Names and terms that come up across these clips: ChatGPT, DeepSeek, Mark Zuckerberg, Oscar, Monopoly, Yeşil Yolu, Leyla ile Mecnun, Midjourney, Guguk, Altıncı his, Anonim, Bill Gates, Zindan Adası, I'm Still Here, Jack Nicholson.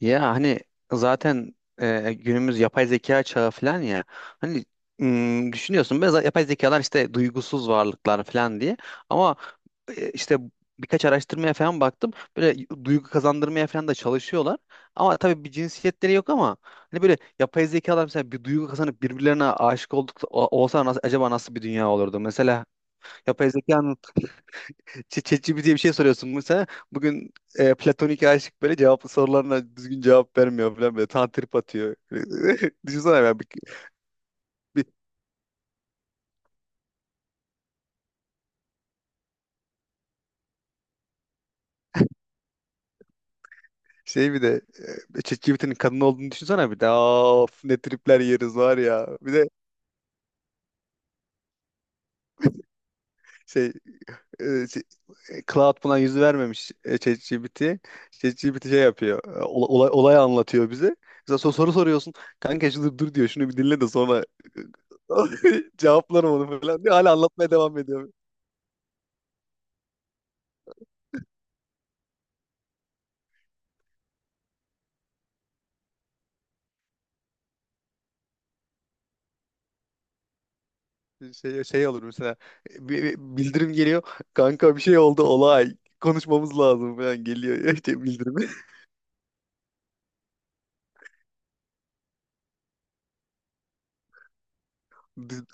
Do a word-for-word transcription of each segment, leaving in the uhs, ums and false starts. Ya hani zaten e, günümüz yapay zeka çağı falan ya. Hani mm, düşünüyorsun böyle yapay zekalar işte duygusuz varlıklar falan diye. Ama e, işte birkaç araştırmaya falan baktım. Böyle duygu kazandırmaya falan da çalışıyorlar. Ama tabii bir cinsiyetleri yok ama hani böyle yapay zekalar mesela bir duygu kazanıp birbirlerine aşık olduk o- olsa nasıl, acaba nasıl bir dünya olurdu? Mesela yapay zekanın Ç- ChatGPT'ye bir şey soruyorsun mesela. Bugün e, platonik aşık böyle cevaplı sorularına düzgün cevap vermiyor falan böyle. Tantrip atıyor. Düşünsene ya bir, bir şey bir de e, ChatGPT'nin kadın olduğunu düşünsene bir de. Aa, of ne tripler yeriz var ya. Bir de şey, e, şey e, Cloud buna yüz vermemiş, e, ChatGPT. ChatGPT şey yapıyor. e, ola- Olay, olay anlatıyor bize. Mesela sor- soru soruyorsun. Kanka şunu dur diyor. Şunu bir dinle de sonra cevaplarım onu falan diyor. Hala anlatmaya devam ediyor. şey şey olur mesela, bir- bildirim geliyor, kanka bir şey oldu olay konuşmamız lazım falan geliyor işte bildirimi. D-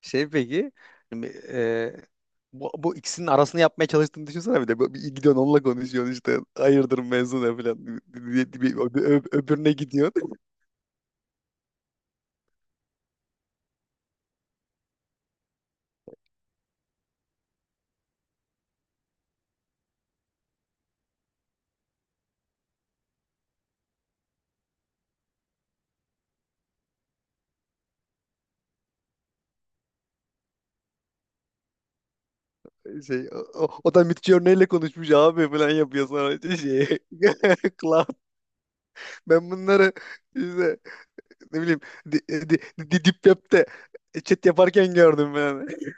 Şey, peki şimdi, e, bu, bu ikisinin arasını yapmaya çalıştığını düşünsene bir de. Bu- bir gidiyorsun onunla konuşuyorsun, işte hayırdır mevzu ne falan. Bir- bir- öb- öbürüne gidiyorsun. Şey, o, o o da Midjourney'le konuşmuş abi falan yapıyor, sonra işte şey. Cloud, ben bunları işte ne bileyim di, e, di, di- Deep Web'de chat yaparken gördüm ben.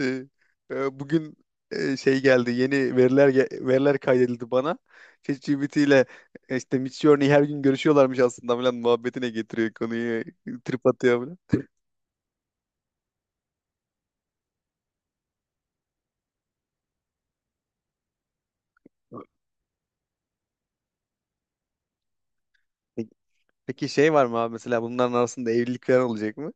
Ee, e, Bugün e, şey geldi, yeni veriler ge- veriler kaydedildi bana. ChatGPT ile e, işte Midjourney her gün görüşüyorlarmış aslında falan muhabbetine getiriyor konuyu. Trip atıyor falan. Peki peki şey, var mı abi mesela bunların arasında evlilik falan olacak mı?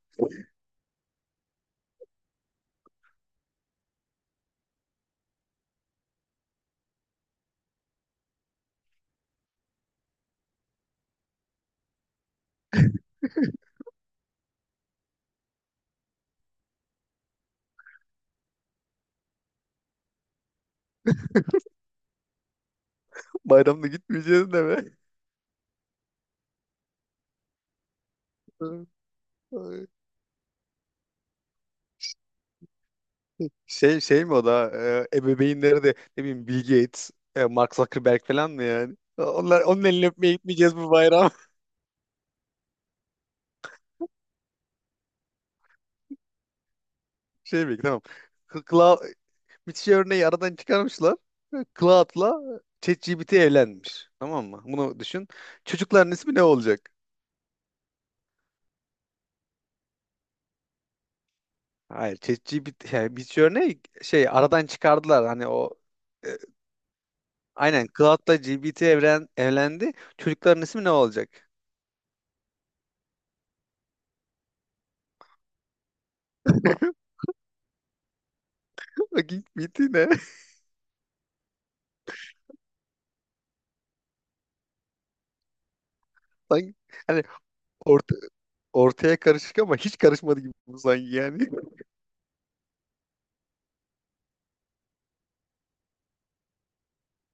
Bayramda gitmeyeceğiz de mi? Şey, şey mi? O da e, ebeveynleri de ne bileyim Bill Gates, e, Mark Zuckerberg falan mı yani? Onlar onun elini öpmeye gitmeyeceğiz bu bayram. Şey mi? Tamam. K- Cla müthiş örneği aradan çıkarmışlar. Cloud'la ChatGPT evlenmiş. Tamam mı? Bunu düşün. Çocukların ismi ne olacak? Hayır, ChatGPT yani Mitch örneği şey aradan çıkardılar. Hani o e, aynen Cloud'la G B T evren evlendi. Çocukların ismi ne olacak? Bak, G P T ne? Sanki hani orta ortaya karışık ama hiç karışmadı gibi bu, sanki yani.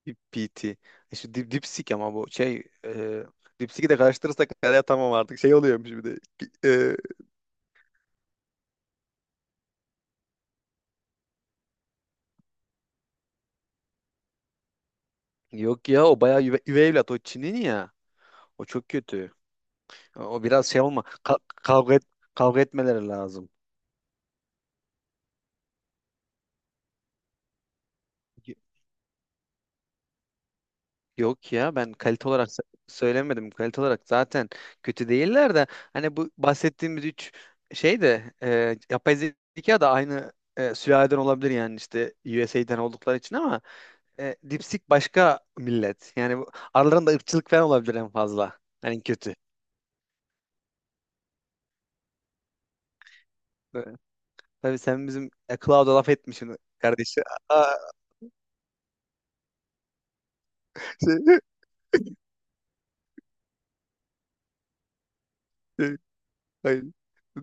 Dip P T. E şu dip, dipsik, ama bu şey e, dipsiki de karıştırırsak hala tamam artık şey oluyormuş bir de. E, Yok ya, o bayağı üve, üvey evlat, o Çin'in ya. O çok kötü. O biraz şey olma, ka- kavga et, kavga etmeleri lazım. Yok ya, ben kalite olarak s- söylemedim. Kalite olarak zaten kötü değiller, de hani bu bahsettiğimiz üç şey de e, yapay zeka da aynı e, sülaleden olabilir yani, işte U S U S A'den oldukları için, ama e, Dipsik başka millet. Yani bu, aralarında ırkçılık falan olabilir en fazla. Hani kötü. E, Tabii sen bizim e, Cloud'a laf etmişsin kardeşi. Aa, şey, şey, hayır.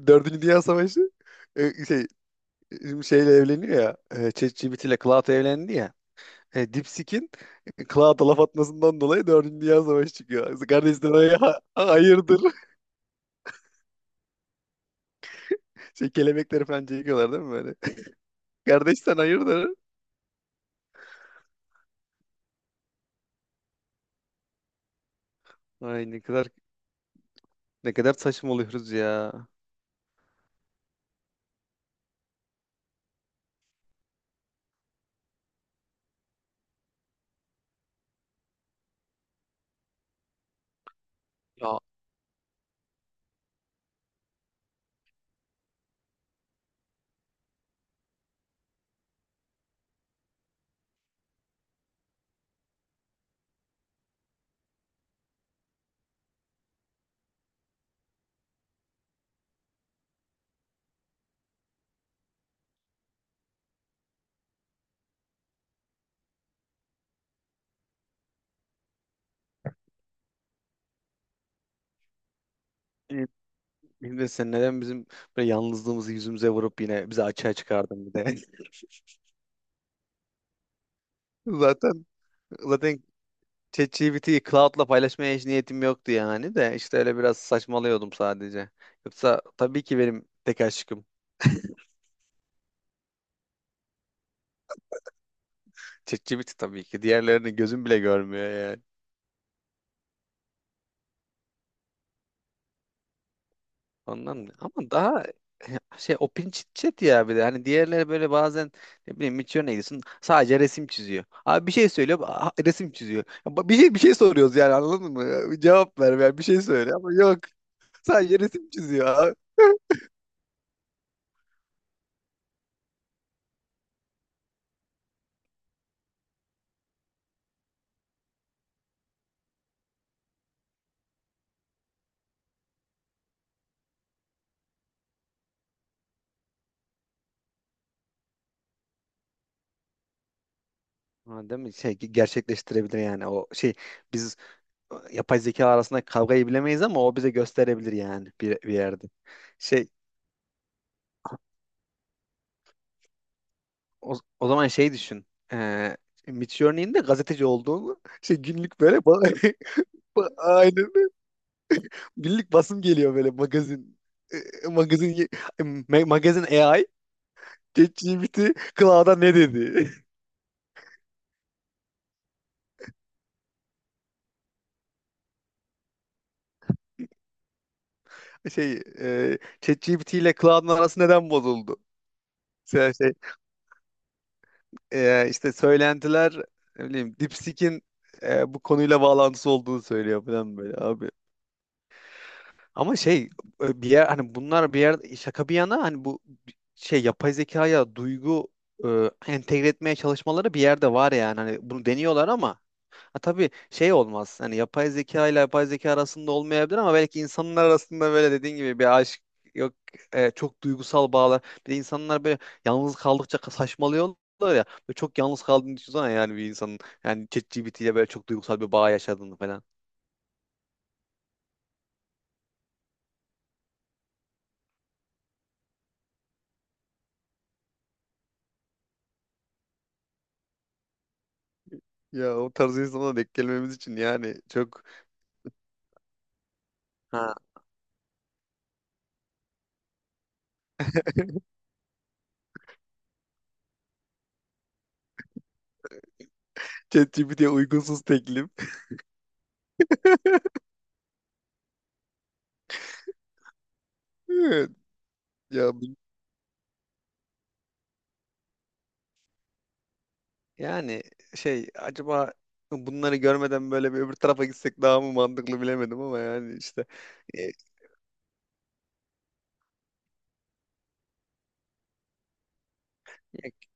Dördüncü Dünya Savaşı, e, şey, bizim şeyle evleniyor ya. E, ChatGPT ile Cloud evlendi ya. E, Dipsik'in Cloud'a laf atmasından dolayı dördüncü. Dünya Savaşı çıkıyor. Kardeş sen hay- ha- hayırdır? Şey, kelebekleri falan çekiyorlar değil mi böyle? Kardeş sen hayırdır? Ay ne kadar ne kadar saçmalıyoruz ya. Ya e, Emre, sen neden bizim böyle yalnızlığımızı yüzümüze vurup yine bizi açığa çıkardın bir de? Zaten zaten ChatGPT'yi Cloud'la paylaşmaya hiç niyetim yoktu yani, de işte öyle biraz saçmalıyordum sadece. Yoksa tabii ki benim tek aşkım ChatGPT, tabii ki. Diğerlerini gözüm bile görmüyor yani. Ondan ama daha e, şey, open chit, ya bir de hani diğerleri böyle bazen ne bileyim Miço'ya gidiyorsun, sadece resim çiziyor. Abi bir şey söylüyor, a- resim çiziyor. Ya ba- Bir şey bir şey soruyoruz yani, anladın mı? Ya bir cevap ver yani, bir şey söyle, ama yok, sadece resim çiziyor abi. Ha, değil mi? Şey gerçekleştirebilir yani, o şey, biz yapay zeka arasında kavgayı bilemeyiz ama o bize gösterebilir yani bir, bir yerde. Şey, o, o zaman şey düşün. Ee, Mitch örneğinde gazeteci olduğunu, şey, günlük böyle. Ba- Aynen. Birlik basım geliyor böyle, magazin. E, Magazin ye- ma- magazin A I, ChatGPT Cloud'a ne dedi? Şey, e, ChatGPT ile Cloud'un arası neden bozuldu? Şey, şey, e, işte söylentiler, ne bileyim DeepSeek'in e, bu konuyla bağlantısı olduğunu söylüyor falan böyle abi. Ama şey, e, bir yer, hani bunlar, bir yer şaka bir yana, hani bu şey, yapay zekaya duygu e, entegre etmeye çalışmaları bir yerde var yani. Hani bunu deniyorlar ama ha, tabii şey olmaz. Hani yapay zeka ile yapay zeka arasında olmayabilir ama belki insanlar arasında böyle dediğin gibi bir aşk, yok, e, çok duygusal bağlar. Bir de insanlar böyle yalnız kaldıkça ka- saçmalıyorlar ya. Böyle çok yalnız kaldığını düşünsene yani, bir insanın, yani ChatGPT ile böyle çok duygusal bir bağ yaşadığını falan. Ya o tarz insanlara denk gelmemiz için yani çok, ha. ChatGPT'ye ye uygunsuz teklif. Evet. Ya yani şey, acaba bunları görmeden böyle bir öbür tarafa gitsek daha mı mantıklı bilemedim ama yani, işte e, yok-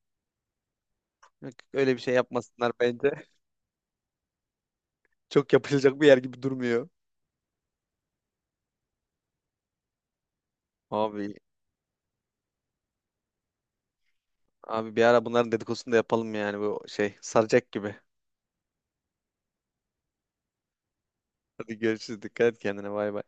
yok, öyle bir şey yapmasınlar bence. Çok yapılacak bir yer gibi durmuyor. Abi abi bir ara bunların dedikodusunu da yapalım yani, bu şey saracak gibi. Hadi görüşürüz. Dikkat et kendine. Bay bay.